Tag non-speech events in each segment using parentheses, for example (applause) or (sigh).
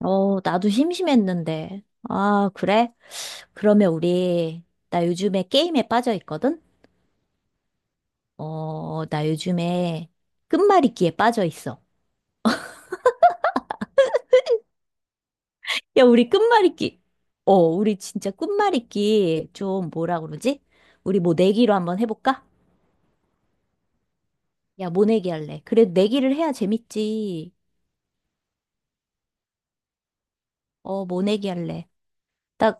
어, 나도 심심했는데. 아, 그래? 그러면 우리, 나 요즘에 게임에 빠져 있거든? 어, 나 요즘에 끝말잇기에 빠져 있어. 야, 우리 끝말잇기. 어, 우리 진짜 끝말잇기 좀 뭐라 그러지? 우리 뭐 내기로 한번 해볼까? 야, 뭐 내기 할래? 그래, 내기를 해야 재밌지. 어, 뭐 내기 할래? 나,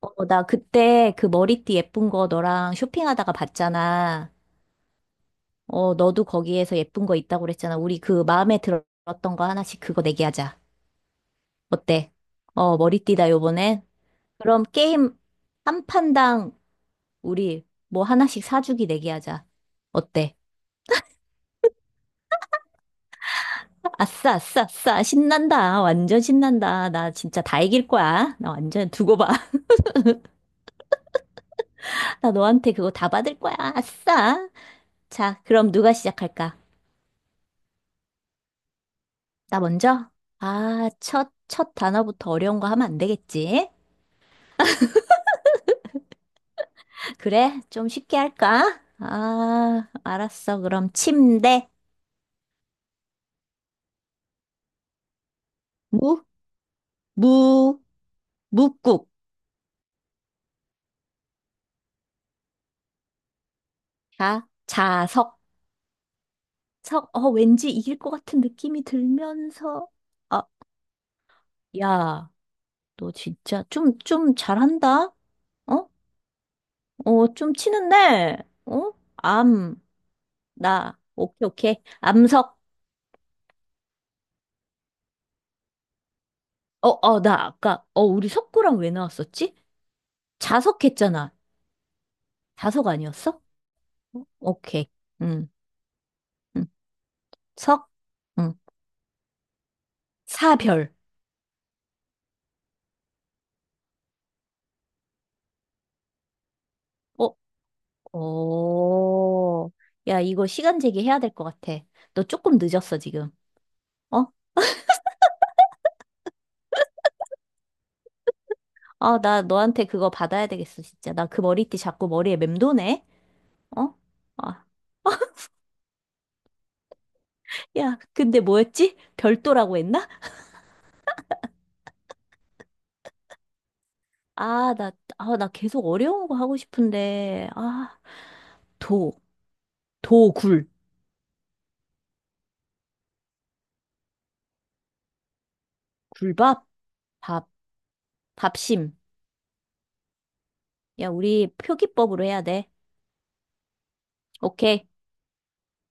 어, 나 그때 그 머리띠 예쁜 거 너랑 쇼핑하다가 봤잖아. 어, 너도 거기에서 예쁜 거 있다고 그랬잖아. 우리 그 마음에 들었던 거 하나씩 그거 내기하자. 어때? 어, 머리띠다, 요번엔. 그럼 게임 한 판당 우리 뭐 하나씩 사주기 내기하자. 어때? 아싸, 아싸, 아싸. 신난다. 완전 신난다. 나 진짜 다 이길 거야. 나 완전 두고 봐. (laughs) 나 너한테 그거 다 받을 거야. 아싸. 자, 그럼 누가 시작할까? 나 먼저? 아, 첫 단어부터 어려운 거 하면 안 되겠지? 그래, 좀 쉽게 할까? 아, 알았어. 그럼 침대, 무, 무, 묵국. 자, 자석, 석. 어, 왠지 이길 것 같은 느낌이 들면서. 아, 야, 너 진짜 좀 잘한다? 어? 어, 좀 치는데? 어? 암, 나. 오케이, 오케이. 암석. 어, 어, 나 아까, 어, 우리 석구랑 왜 나왔었지? 자석 했잖아. 자석 아니었어? 오케이. 응, 응. 석. 응. 사별. 어, 어. 야, 이거 시간 제기해야 될 것 같아. 너 조금 늦었어, 지금. 어? 아, 나 너한테 그거 받아야 되겠어, 진짜. 나 그 머리띠 자꾸 머리에 맴도네. 어? 아, 야, 근데 뭐였지? 별도라고 했나? 아, 나, 아, 나 계속 어려운 거 하고 싶은데. 아, 도, 굴. 굴밥? 밥, 밥심. 야, 우리 표기법으로 해야 돼. 오케이.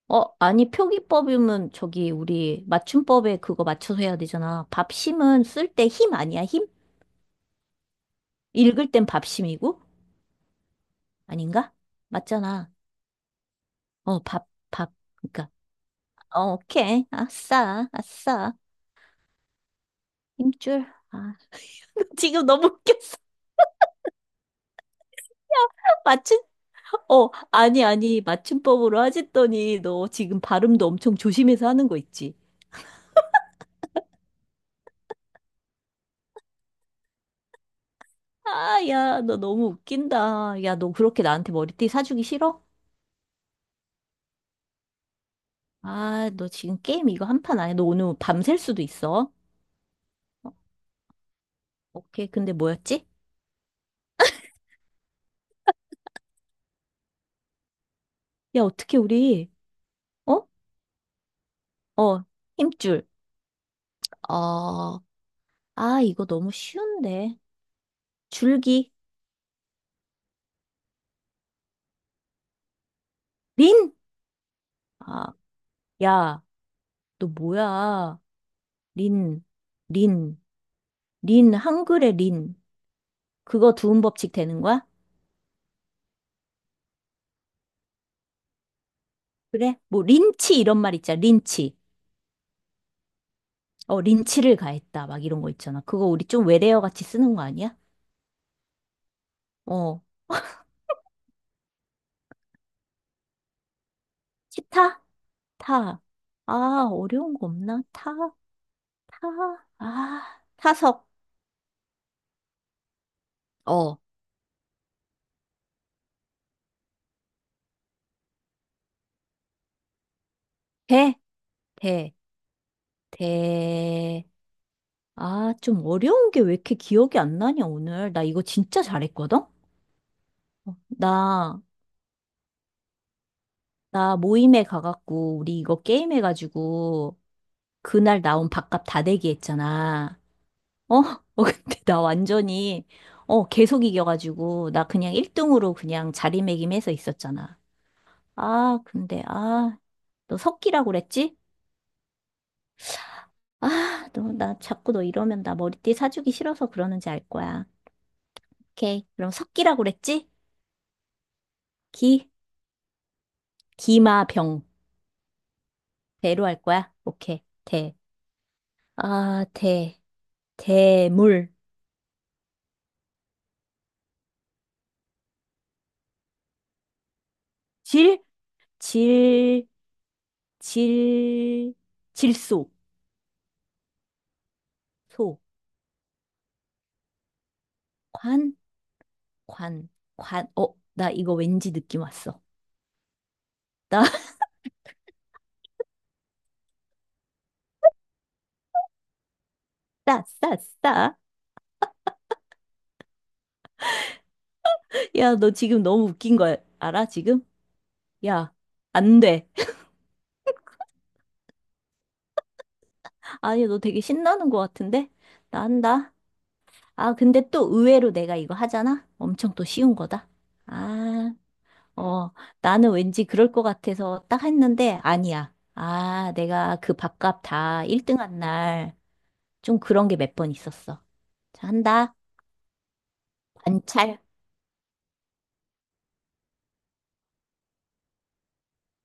어, 아니, 표기법이면 저기 우리 맞춤법에 그거 맞춰서 해야 되잖아. 밥심은 쓸 때 힘 아니야, 힘? 읽을 땐 밥심이고? 아닌가? 맞잖아. 어, 밥, 밥. 그러니까. 어, 오케이. 아싸, 아싸. 힘줄. 아, (laughs) 지금 너무 웃겼어. (laughs) 맞춤, 어, 아니. 맞춤법으로 하셨더니 너 지금 발음도 엄청 조심해서 하는 거 있지? 아, 야, 너 너무 웃긴다. 야, 너 그렇게 나한테 머리띠 사주기 싫어? 아, 너 지금 게임 이거 한 판 안 해? 너 오늘 뭐 밤샐 수도 있어. 어, 오케이. 근데 뭐였지? 야, 어떻게 우리, 어? 어, 힘줄. 어, 아, 이거 너무 쉬운데. 줄기. 린? 아, 야, 너 뭐야? 린, 린, 린, 한글의 린. 그거 두음 법칙 되는 거야? 그래? 뭐, 린치 이런 말 있잖아. 린치. 어, 린치를 가했다. 막 이런 거 있잖아. 그거 우리 좀 외래어 같이 쓰는 거 아니야? 어, 치타? 타. 아, 어려운 거 없나? 타, 타, 아, 타석. 어, 대, 대, 대. 아, 좀 어려운 게 왜 이렇게 기억이 안 나냐, 오늘. 나 이거 진짜 잘했거든? 어, 나, 나 모임에 가갖고, 우리 이거 게임해가지고, 그날 나온 밥값 다 내기 했잖아. 어? (laughs) 어, 근데 나 완전히, 어, 계속 이겨가지고, 나 그냥 1등으로 그냥 자리매김해서 있었잖아. 아, 근데, 아, 너 석기라고 그랬지? 아, 너, 나 자꾸 너 이러면 나 머리띠 사주기 싫어서 그러는지 알 거야. 오케이. 그럼 석기라고 그랬지? 기, 기마병. 대로 할 거야? 오케이. 대. 아, 대. 대물. 질? 질, 질, 질소. 소. 관? 관. 관. 어, 나 이거 왠지 느낌 왔어. 나, (laughs) 싸, 싸, 싸. 야, 너 지금 너무 웃긴 거 알아, 지금? 야, 안 돼. (laughs) 아니, 너 되게 신나는 것 같은데? 나 한다. 아, 근데 또 의외로 내가 이거 하잖아? 엄청 또 쉬운 거다. 아, 어, 나는 왠지 그럴 것 같아서 딱 했는데, 아니야. 아, 내가 그 밥값 다 1등 한 날, 좀 그런 게 몇 번 있었어. 자, 한다. 관찰.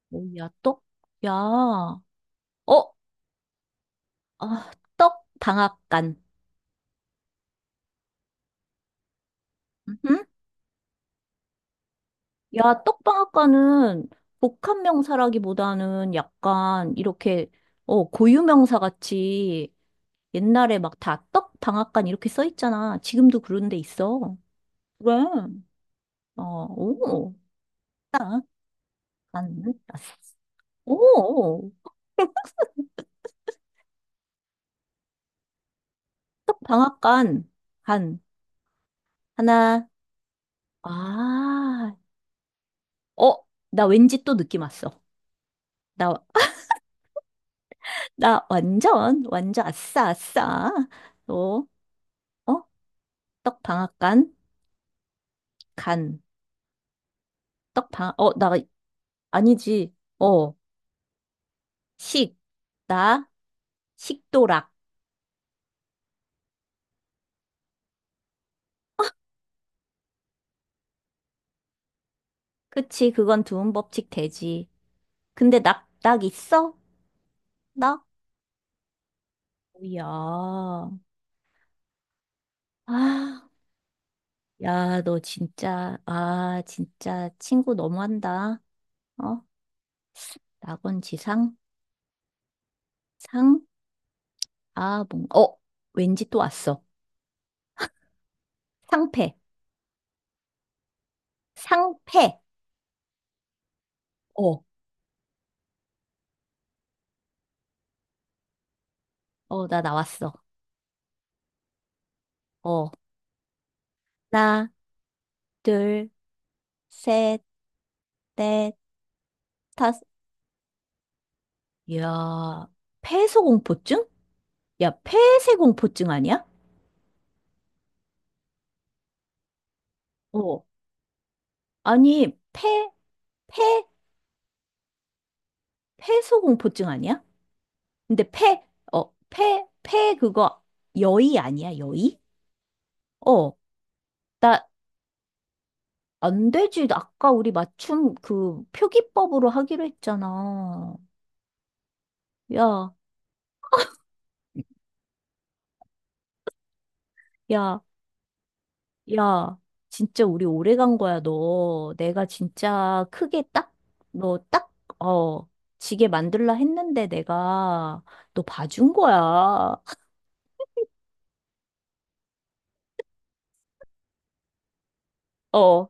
뭐야, 또? 야, 어? 아, 떡 방앗간. 응? 야, 떡방앗간은 복합 명사라기보다는 약간 이렇게 어, 고유 명사 같이 옛날에 막 다 떡방앗간 이렇게 써 있잖아. 지금도 그런 데 있어. 그래. 어, 오. 딱, 간. 아싸. 오. 떡방앗간 간 하나. 아. 어, 나 왠지 또 느낌 왔어. 나, (laughs) 나 완전 완전 아싸 아싸. 또 어? 떡방앗간 간. 떡방, 어, 나, 아니지. 어, 식, 나, 식도락. 그치, 그건 두음 법칙 되지. 근데 낙, 낙 있어? 낙? 야, 아, 야, 너 진짜, 아, 진짜 친구 너무한다. 어? 낙원 지상? 상? 아, 뭔, 어, 왠지 또 왔어. 상패, 상패. 어, 어, 나 나왔어. 어, 하나, 둘, 셋, 넷, 다섯. 야, 폐소공포증? 야, 폐쇄공포증 아니야? 어. 아니, 폐, 폐, 폐소공포증 아니야? 근데 폐, 어, 폐 그거 여의 아니야, 여의? 어, 나 안 되지. 아까 우리 맞춤 그 표기법으로 하기로 했잖아. 야, 야, 야, 진짜 우리 오래 간 거야, 너. 내가 진짜 크게 딱, 너 딱, 어, 지게 만들라 했는데 내가 너 봐준 거야. (laughs) 어,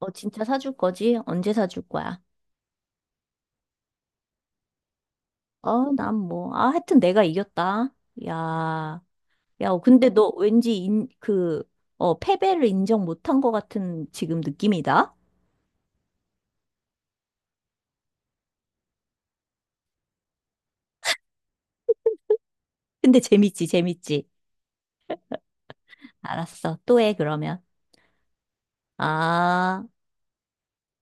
어, 진짜 사줄 거지? 언제 사줄 거야? 어, 난 뭐, 아, 하여튼 내가 이겼다. 야, 야, 근데 너 왠지 인, 그, 어, 패배를 인정 못한 것 같은 지금 느낌이다? 근데 재밌지, 재밌지. 알았어. 또 해, 그러면. 아.